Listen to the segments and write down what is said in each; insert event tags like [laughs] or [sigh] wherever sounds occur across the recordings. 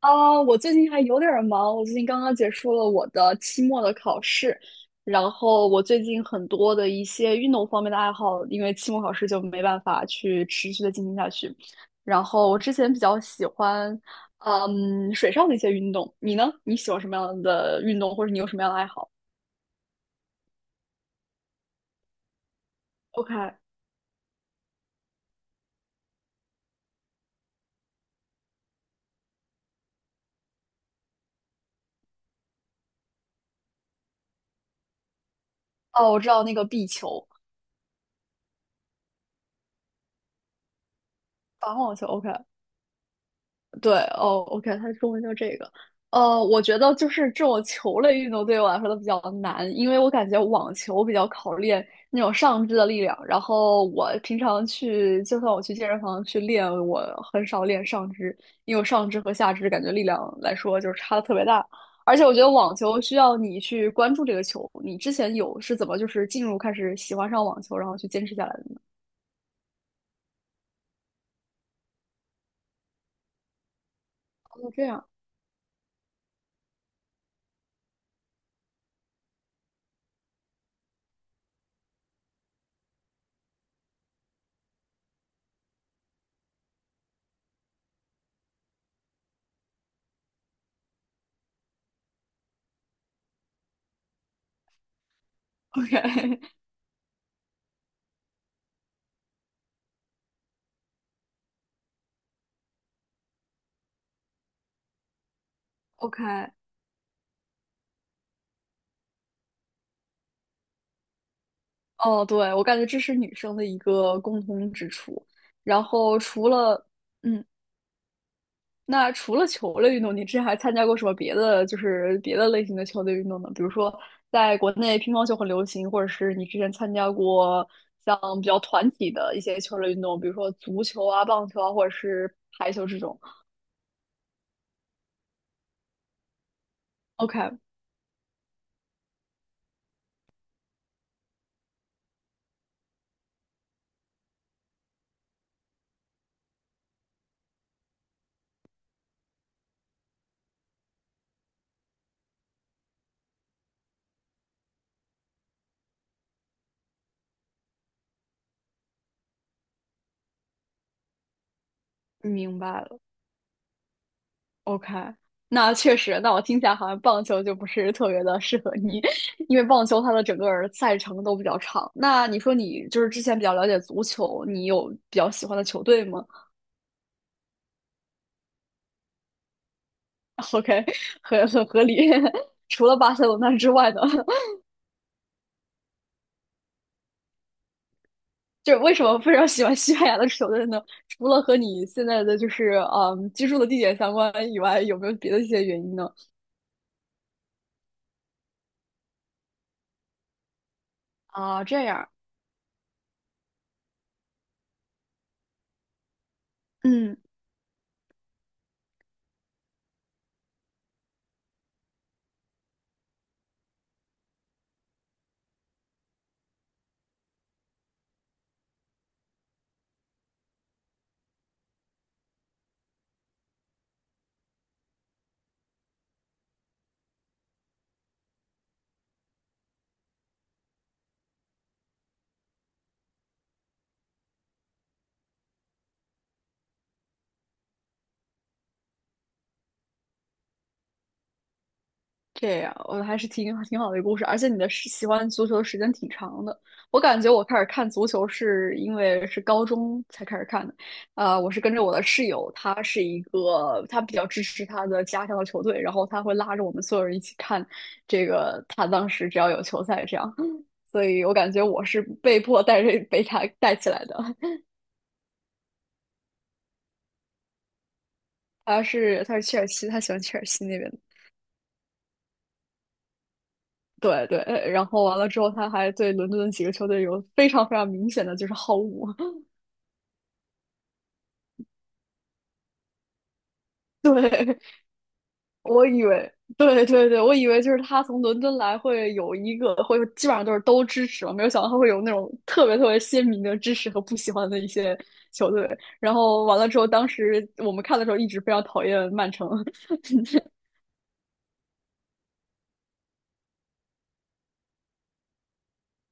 啊，我最近还有点儿忙，我最近刚刚结束了我的期末的考试，然后我最近很多的一些运动方面的爱好，因为期末考试就没办法去持续的进行下去。然后我之前比较喜欢，水上的一些运动。你呢？你喜欢什么样的运动，或者你有什么样的爱好？OK，哦，我知道那个壁球、打网球。OK，对哦，OK，它中文叫这个。我觉得就是这种球类运动对我来说都比较难，因为我感觉网球比较考练那种上肢的力量。然后我平常去，就算我去健身房去练，我很少练上肢，因为我上肢和下肢感觉力量来说就是差的特别大。而且我觉得网球需要你去关注这个球，你之前有是怎么就是进入开始喜欢上网球，然后去坚持下来的吗？哦，这样，OK。哦，对，我感觉这是女生的一个共通之处。然后除了，嗯，那除了球类运动，你之前还参加过什么别的，就是别的类型的球类运动呢？比如说，在国内乒乓球很流行，或者是你之前参加过像比较团体的一些球类运动，比如说足球啊、棒球啊，或者是排球这种。OK，明白了。OK，那确实，那我听起来好像棒球就不是特别的适合你，[laughs] 因为棒球它的整个儿赛程都比较长。那你说你就是之前比较了解足球，你有比较喜欢的球队吗？ [laughs]？OK，很合理。[laughs] 除了巴塞罗那之外呢？[laughs] 就是为什么非常喜欢西班牙的球队呢？除了和你现在的就是居住的地点相关以外，有没有别的一些原因呢？啊，这样，嗯。这样，我还是挺好的一个故事，而且你的时喜欢足球的时间挺长的。我感觉我开始看足球是因为是高中才开始看的，我是跟着我的室友，他是一个他比较支持他的家乡的球队，然后他会拉着我们所有人一起看这个，他当时只要有球赛这样，[laughs] 所以我感觉我是被迫带着被他带起来的。他是切尔西，他喜欢切尔西那边。对对，然后完了之后，他还对伦敦的几个球队有非常非常明显的就是好恶。[laughs] 对，我以为，对对对，我以为就是他从伦敦来会有一个，会基本上都是都支持嘛，没有想到他会有那种特别特别鲜明的支持和不喜欢的一些球队。然后完了之后，当时我们看的时候一直非常讨厌曼城。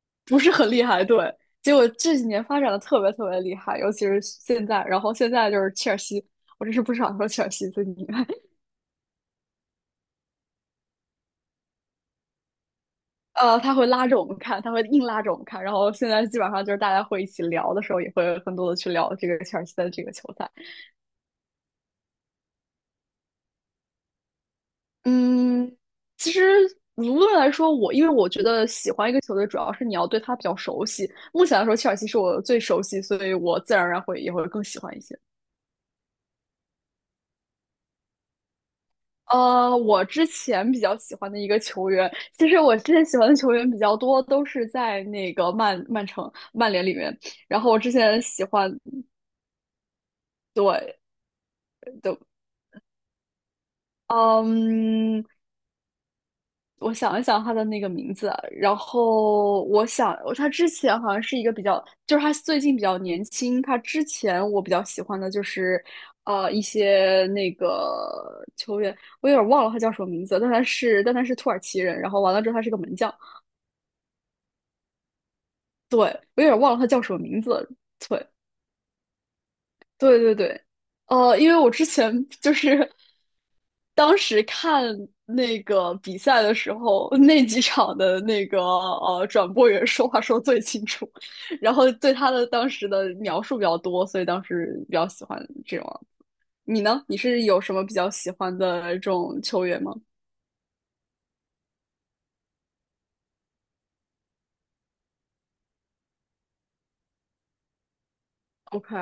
[laughs] 不是很厉害，对。结果这几年发展的特别特别厉害，尤其是现在，然后现在就是切尔西，我真是不想说切尔西最厉害。他会拉着我们看，他会硬拉着我们看。然后现在基本上就是大家会一起聊的时候，也会更多的去聊这个切尔西的这个球赛。嗯，其实无论来说，我因为我觉得喜欢一个球队，主要是你要对他比较熟悉。目前来说，切尔西是我最熟悉，所以我自然而然会也会更喜欢一些。我之前比较喜欢的一个球员，其实我之前喜欢的球员比较多，都是在那个曼城、曼联里面。然后我之前喜欢，对，对，嗯，我想一想他的那个名字啊然后我想，他之前好像是一个比较，就是他最近比较年轻。他之前我比较喜欢的就是，一些那个球员，我有点忘了他叫什么名字，但他是土耳其人，然后完了之后他是个门将，对，我有点忘了他叫什么名字。对，对对对，因为我之前就是当时看那个比赛的时候，那几场的那个转播员说话说最清楚，[laughs] 然后对他的当时的描述比较多，所以当时比较喜欢这种。你呢？你是有什么比较喜欢的这种球员吗？OK，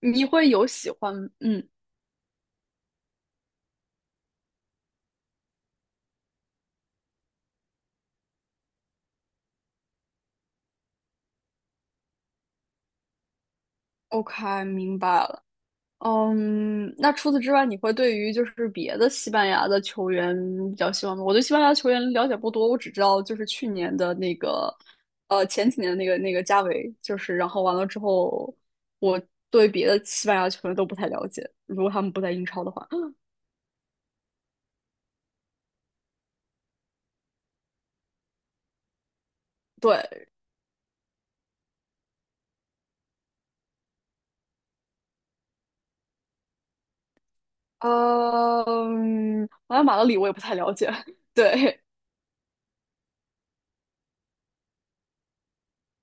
你会有喜欢，嗯，OK，明白了。嗯，那除此之外，你会对于就是别的西班牙的球员比较希望吗？我对西班牙球员了解不多，我只知道就是去年的那个，前几年的那个加维，就是然后完了之后，我对别的西班牙球员都不太了解，如果他们不在英超的话。对，好像马德里我也不太了解。[laughs] 对，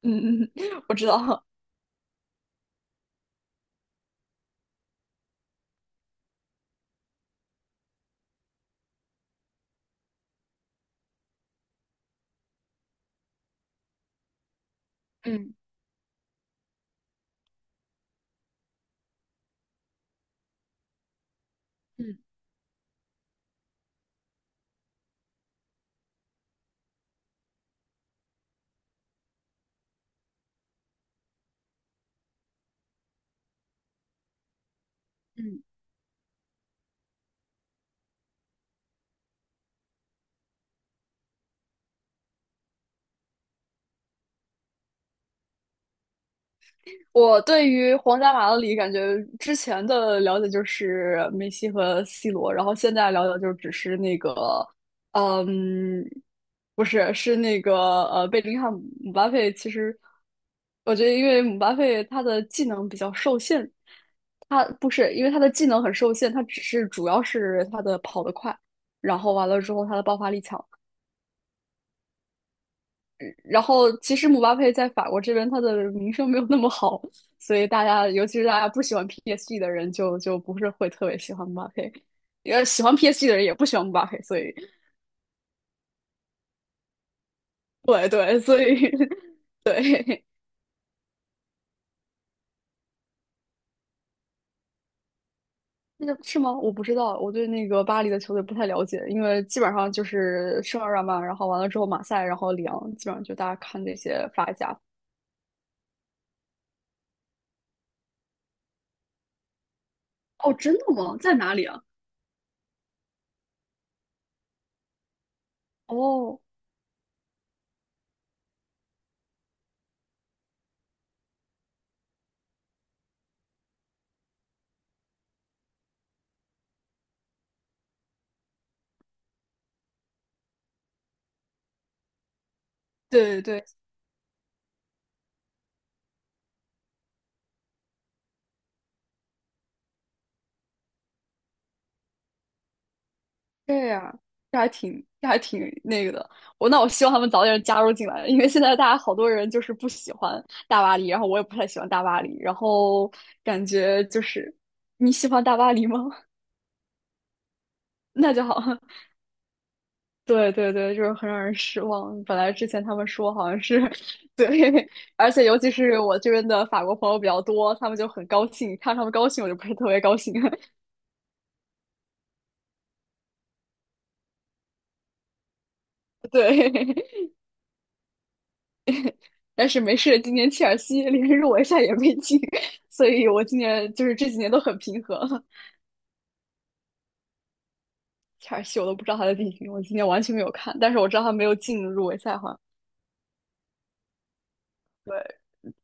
嗯嗯，嗯我知道。嗯嗯嗯。我对于皇家马德里感觉之前的了解就是梅西和 C 罗，然后现在了解就只是那个，嗯，不是，是那个贝林汉姆、姆巴佩。其实我觉得，因为姆巴佩他的技能比较受限，他不是因为他的技能很受限，他只是主要是他的跑得快，然后完了之后他的爆发力强。然后其实姆巴佩在法国这边他的名声没有那么好，所以大家尤其是大家不喜欢 PSG 的人就不是会特别喜欢姆巴佩，喜欢 PSG 的人也不喜欢姆巴佩，所以对对，所以 [laughs] 那个是吗？我不知道，我对那个巴黎的球队不太了解，因为基本上就是圣日耳曼，然后完了之后马赛，然后里昂，基本上就大家看这些法甲。哦，真的吗？在哪里啊？哦，对对对。对呀，这还挺那个的。我那我希望他们早点加入进来，因为现在大家好多人就是不喜欢大巴黎，然后我也不太喜欢大巴黎，然后感觉就是你喜欢大巴黎吗？[laughs] 那就好。[laughs] 对对对，就是很让人失望。本来之前他们说好像是 [laughs] 对，而且尤其是我这边的法国朋友比较多，他们就很高兴，看他们高兴我就不是特别高兴。[laughs] 对但是没事，今年切尔西连入围赛也没进，[laughs] 所以我今年就是这几年都很平和了。切尔西我都不知道他的地名，我今年完全没有看，但是我知道他没有进入围赛，好像。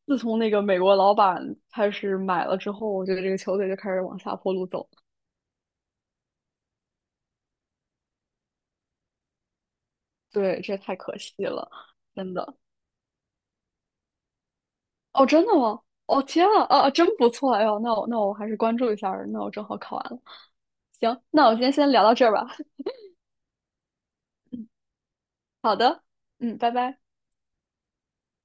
自从那个美国老板开始买了之后，我觉得这个球队就开始往下坡路走。对，这太可惜了，真的。哦，真的吗？哦，天啊，啊，哦真不错！哎呦，那我那我还是关注一下那我正好考完了。行，那我今天先聊到这儿吧。好的，嗯，拜拜。